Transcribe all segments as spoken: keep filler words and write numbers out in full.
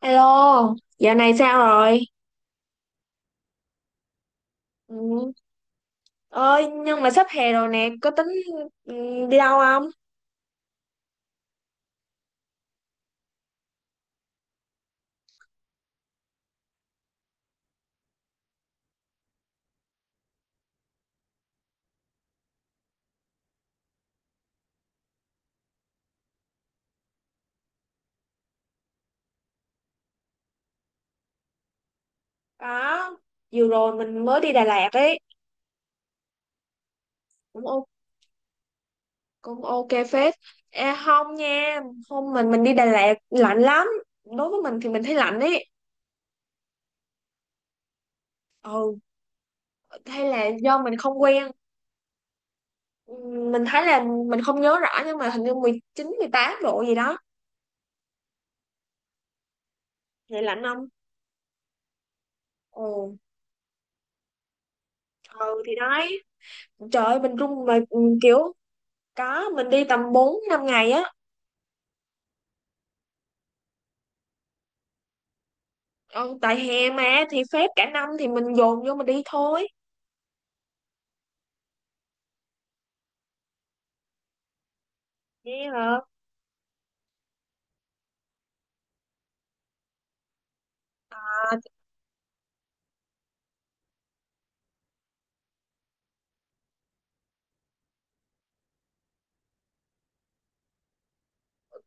Alo, dạo này sao rồi? Ừ. Ơi, nhưng mà sắp hè rồi nè, có tính, ừ, đi đâu không? Có, vừa rồi mình mới đi Đà Lạt ấy, cũng ok, cũng ok phết. À, không nha, hôm mình mình đi Đà Lạt lạnh lắm. Đối với mình thì mình thấy lạnh ấy. Ừ, hay là do mình không quen. Ừ, mình thấy là mình không nhớ rõ nhưng mà hình như mười chín, mười tám độ gì đó. Vậy lạnh không? Ừ, ừ thì đấy. Trời ơi, mình run mà, ừ, kiểu có mình đi tầm bốn năm ngày á. Ừ, tại hè mà, thì phép cả năm thì mình dồn vô mình đi thôi. Vậy hả? À,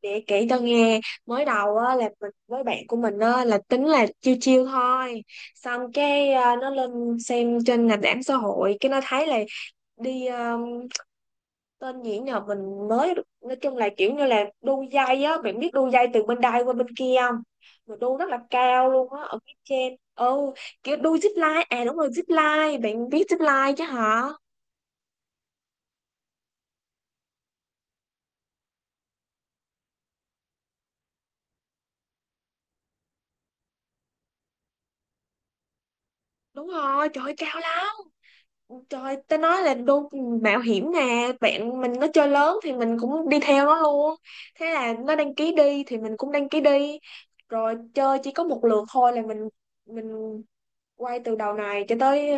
để kể cho nghe, mới đầu á là mình với bạn của mình á là tính là chiêu chiêu thôi, xong cái à, nó lên xem trên nền tảng xã hội cái nó thấy là đi à, tên gì nhờ mình mới, nói chung là kiểu như là đu dây á, bạn biết đu dây từ bên đây qua bên kia không, mà đu rất là cao luôn á ở phía trên, ừ, kiểu đu zip line, à đúng rồi zip line, bạn biết zip line chứ hả? Đúng rồi, trời ơi, cao lắm. Trời, ta nói là đô mạo hiểm nè, bạn mình nó chơi lớn thì mình cũng đi theo nó luôn. Thế là nó đăng ký đi thì mình cũng đăng ký đi. Rồi chơi chỉ có một lượt thôi là mình mình quay từ đầu này cho tới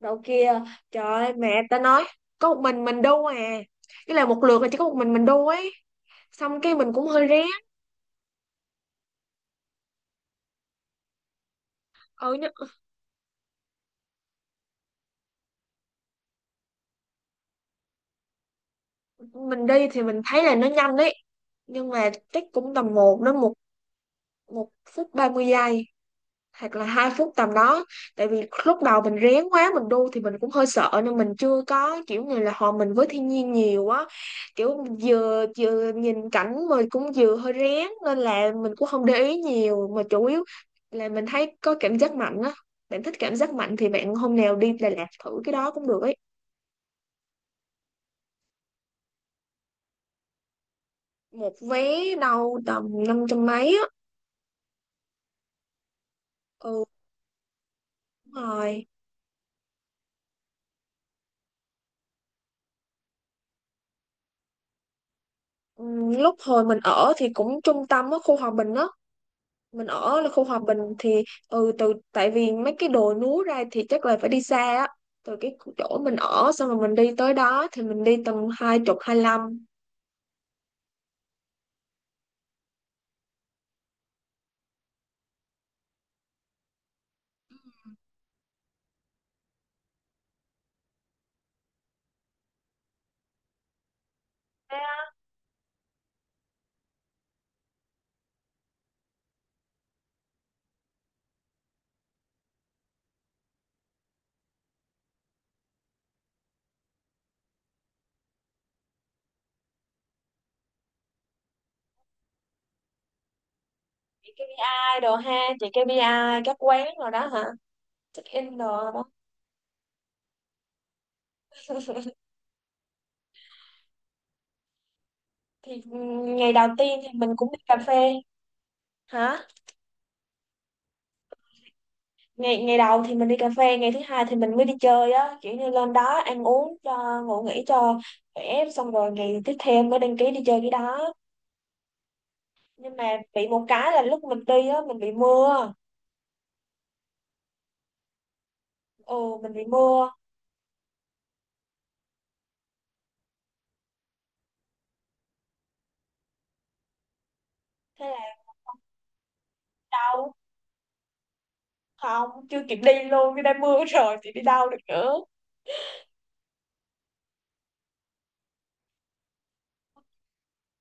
đầu kia. Trời ơi, mẹ ta nói có một mình mình đu à. Cái là một lượt là chỉ có một mình mình đu ấy. Xong cái mình cũng hơi rén. Ừ, nhưng- mình đi thì mình thấy là nó nhanh đấy. Nhưng mà chắc cũng tầm một đến một một phút ba mươi giây hoặc là hai phút tầm đó, tại vì lúc đầu mình rén quá mình đu thì mình cũng hơi sợ nên mình chưa có kiểu như là hòa mình với thiên nhiên nhiều á, kiểu vừa vừa nhìn cảnh mà cũng vừa hơi rén nên là mình cũng không để ý nhiều, mà chủ yếu là mình thấy có cảm giác mạnh á. Bạn thích cảm giác mạnh thì bạn hôm nào đi Đà Lạt thử cái đó cũng được ấy. Một vé đâu tầm năm trăm mấy á. Ừ, đúng rồi. Ừ, lúc hồi mình ở thì cũng trung tâm á, khu Hòa Bình á, mình ở là khu hòa bình thì, ừ, từ tại vì mấy cái đồi núi ra thì chắc là phải đi xa á. Từ cái chỗ mình ở xong rồi mình đi tới đó thì mình đi tầm hai chục, hai mươi lăm. Chị ca pê i đồ ha, chị ca pê i các quán rồi đó hả, check in đồ đó. Thì ừm, ngày đầu tiên thì mình cũng đi cà phê. Hả? Ngày ngày đầu thì mình đi cà phê, ngày thứ hai thì mình mới đi chơi á, kiểu như lên đó ăn uống cho ngủ nghỉ cho khỏe, xong rồi ngày tiếp theo mới đăng ký đi chơi cái đó. Nhưng mà bị một cái là lúc mình đi á mình bị mưa. Ừ, mình bị mưa. Thế là đau, không, chưa kịp đi luôn cái đã mưa rồi thì đi đâu được nữa.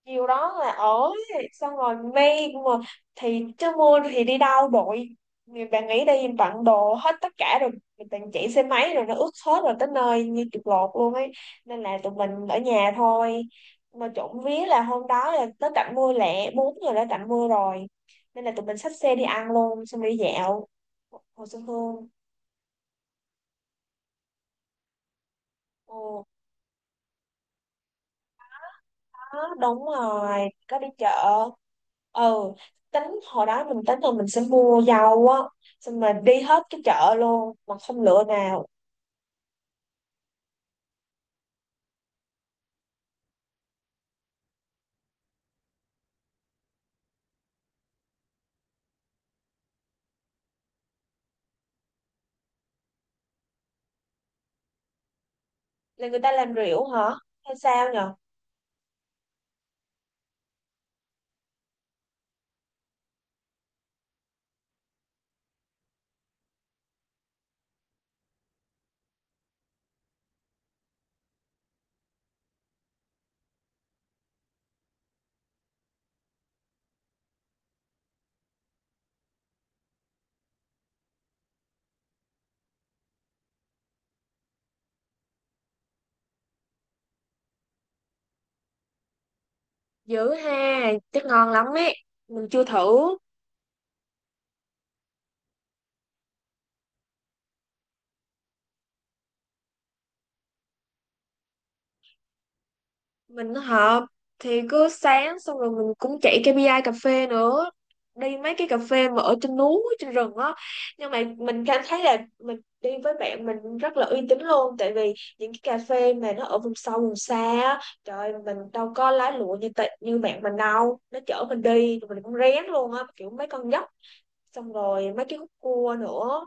Chiều đó là ở, xong rồi may mà, thì chứ mưa thì đi đâu bội. Người bạn nghĩ đi bận đồ hết tất cả rồi, mình toàn chạy xe máy rồi nó ướt hết rồi tới nơi như chuột lột luôn ấy, nên là tụi mình ở nhà thôi. Mà trộm vía là hôm đó là tới tạnh mưa lẹ, bốn giờ đã tạnh mưa rồi, nên là tụi mình xách xe đi ăn luôn, xong đi dạo Hồ Xuân Hương. Ừ. Đó, đúng rồi, có đi chợ. Ừ, tính hồi đó mình tính là mình sẽ mua dầu á, xong mà đi hết cái chợ luôn mà không lựa nào. Là người ta làm rượu hả hay sao nhở? Dữ ha, chắc ngon lắm ấy, mình chưa thử. Mình hợp thì cứ sáng xong rồi mình cũng chạy ca pê i cà phê nữa, đi mấy cái cà phê mà ở trên núi trên rừng á. Nhưng mà mình cảm thấy là mình đi với bạn mình rất là uy tín luôn, tại vì những cái cà phê mà nó ở vùng sâu vùng xa á, trời ơi, mình đâu có lái lụa như tệ, như bạn mình đâu, nó chở mình đi rồi mình cũng rén luôn á, kiểu mấy con dốc xong rồi mấy cái khúc cua nữa.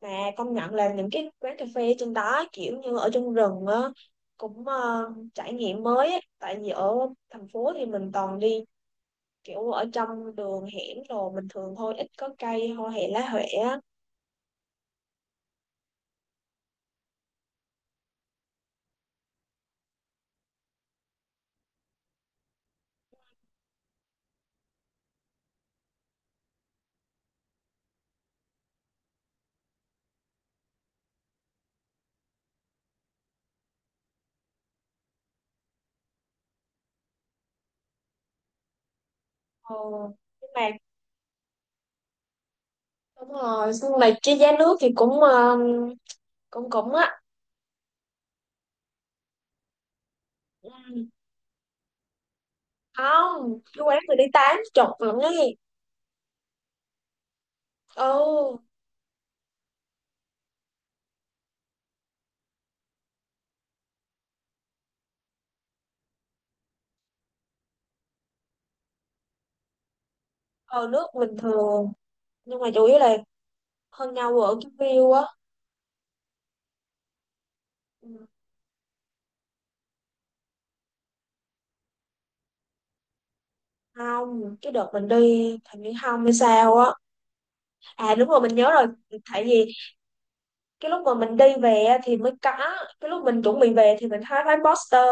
Mà công nhận là những cái quán cà phê trên đó kiểu như ở trong rừng á, cũng, ờ, trải nghiệm mới ấy. Tại vì ở thành phố thì mình toàn đi kiểu ở trong đường hẻm đồ bình thường thôi, ít có cây hoa hệ lá huệ á. Ờ, nhưng mà đúng rồi, nhưng mà cái giá nước thì cũng, ờ, cũng cũng á. Ừ, không, cái quán mình đi tám chục lận ấy. Ừ. Ờ, nước bình thường, nhưng mà chủ yếu là hơn nhau ở cái view á. Ừ. Không, cái đợt mình đi thằng Nguyễn Hồng hay sao á, à đúng rồi mình nhớ rồi, tại vì cái lúc mà mình đi về á thì mới có, cái lúc mình chuẩn bị về thì mình thấy bán poster.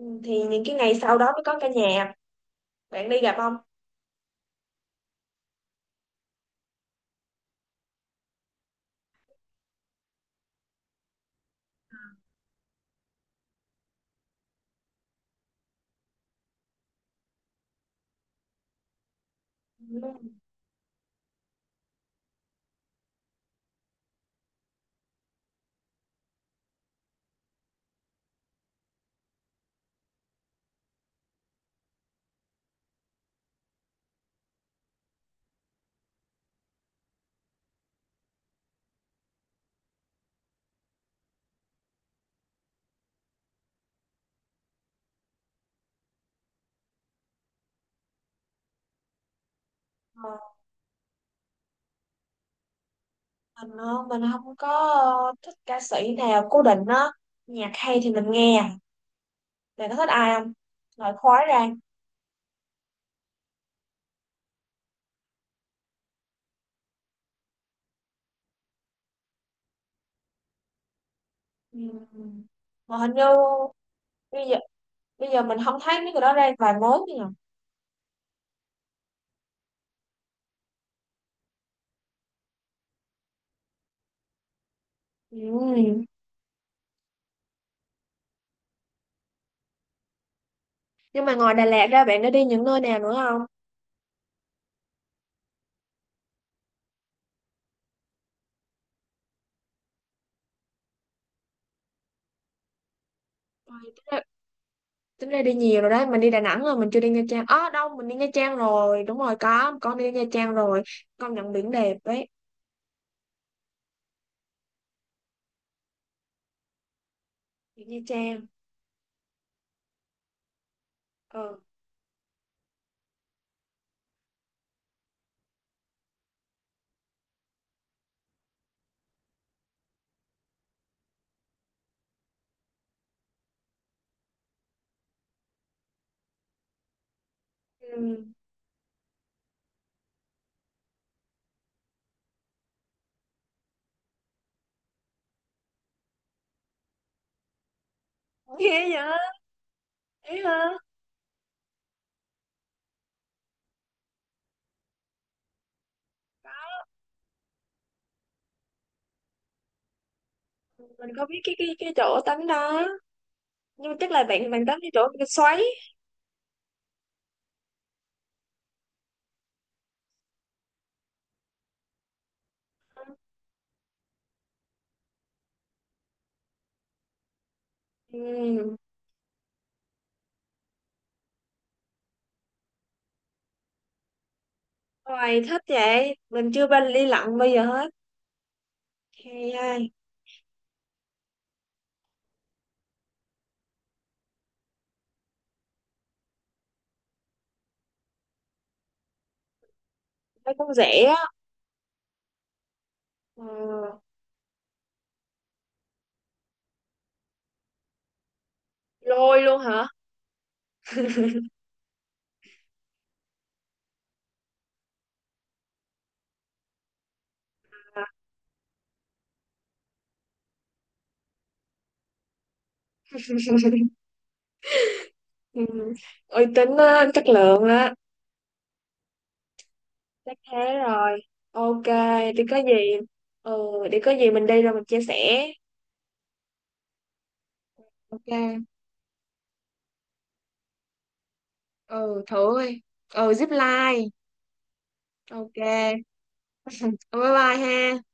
Ừ, thì những cái ngày sau đó mới có ca nhạc. Bạn đi gặp không? Ừ. Ờ, mình, ờ, mình không có, ờ, thích ca sĩ nào cố định á, nhạc hay thì mình nghe. Bạn có thích ai không, loại khói ra. Ừ. Mà hình như bây giờ bây giờ mình không thấy mấy người đó ra vài mối nữa nhỉ. Ừ. Nhưng mà ngoài Đà Lạt ra bạn đã đi những nơi nào nữa không? Rồi, tính ra, tính ra đi nhiều rồi đấy, mình đi Đà Nẵng rồi, mình chưa đi Nha Trang. Ờ đâu, mình đi Nha Trang rồi, đúng rồi có, con đi Nha Trang rồi, con nhận biển đẹp đấy, biển Nha Trang. Ờ. Ừ. Mình có biết cái cái cái chỗ tắm đó, nhưng mà chắc là bạn bạn tắm cái chỗ cái xoáy. Ừ. Rồi thích vậy, mình chưa bao đi lặn bây giờ hết. Hay ai, thấy cũng rẻ á. Ờ. Lôi luôn hả? Ừ. Uy tín á, chất lượng á. Chắc thế rồi, ok, thì có gì. Ừ, thì có gì mình đi rồi mình chia sẻ. Ok. Ừ thử ơi, ừ zip line, ok, bye bye ha.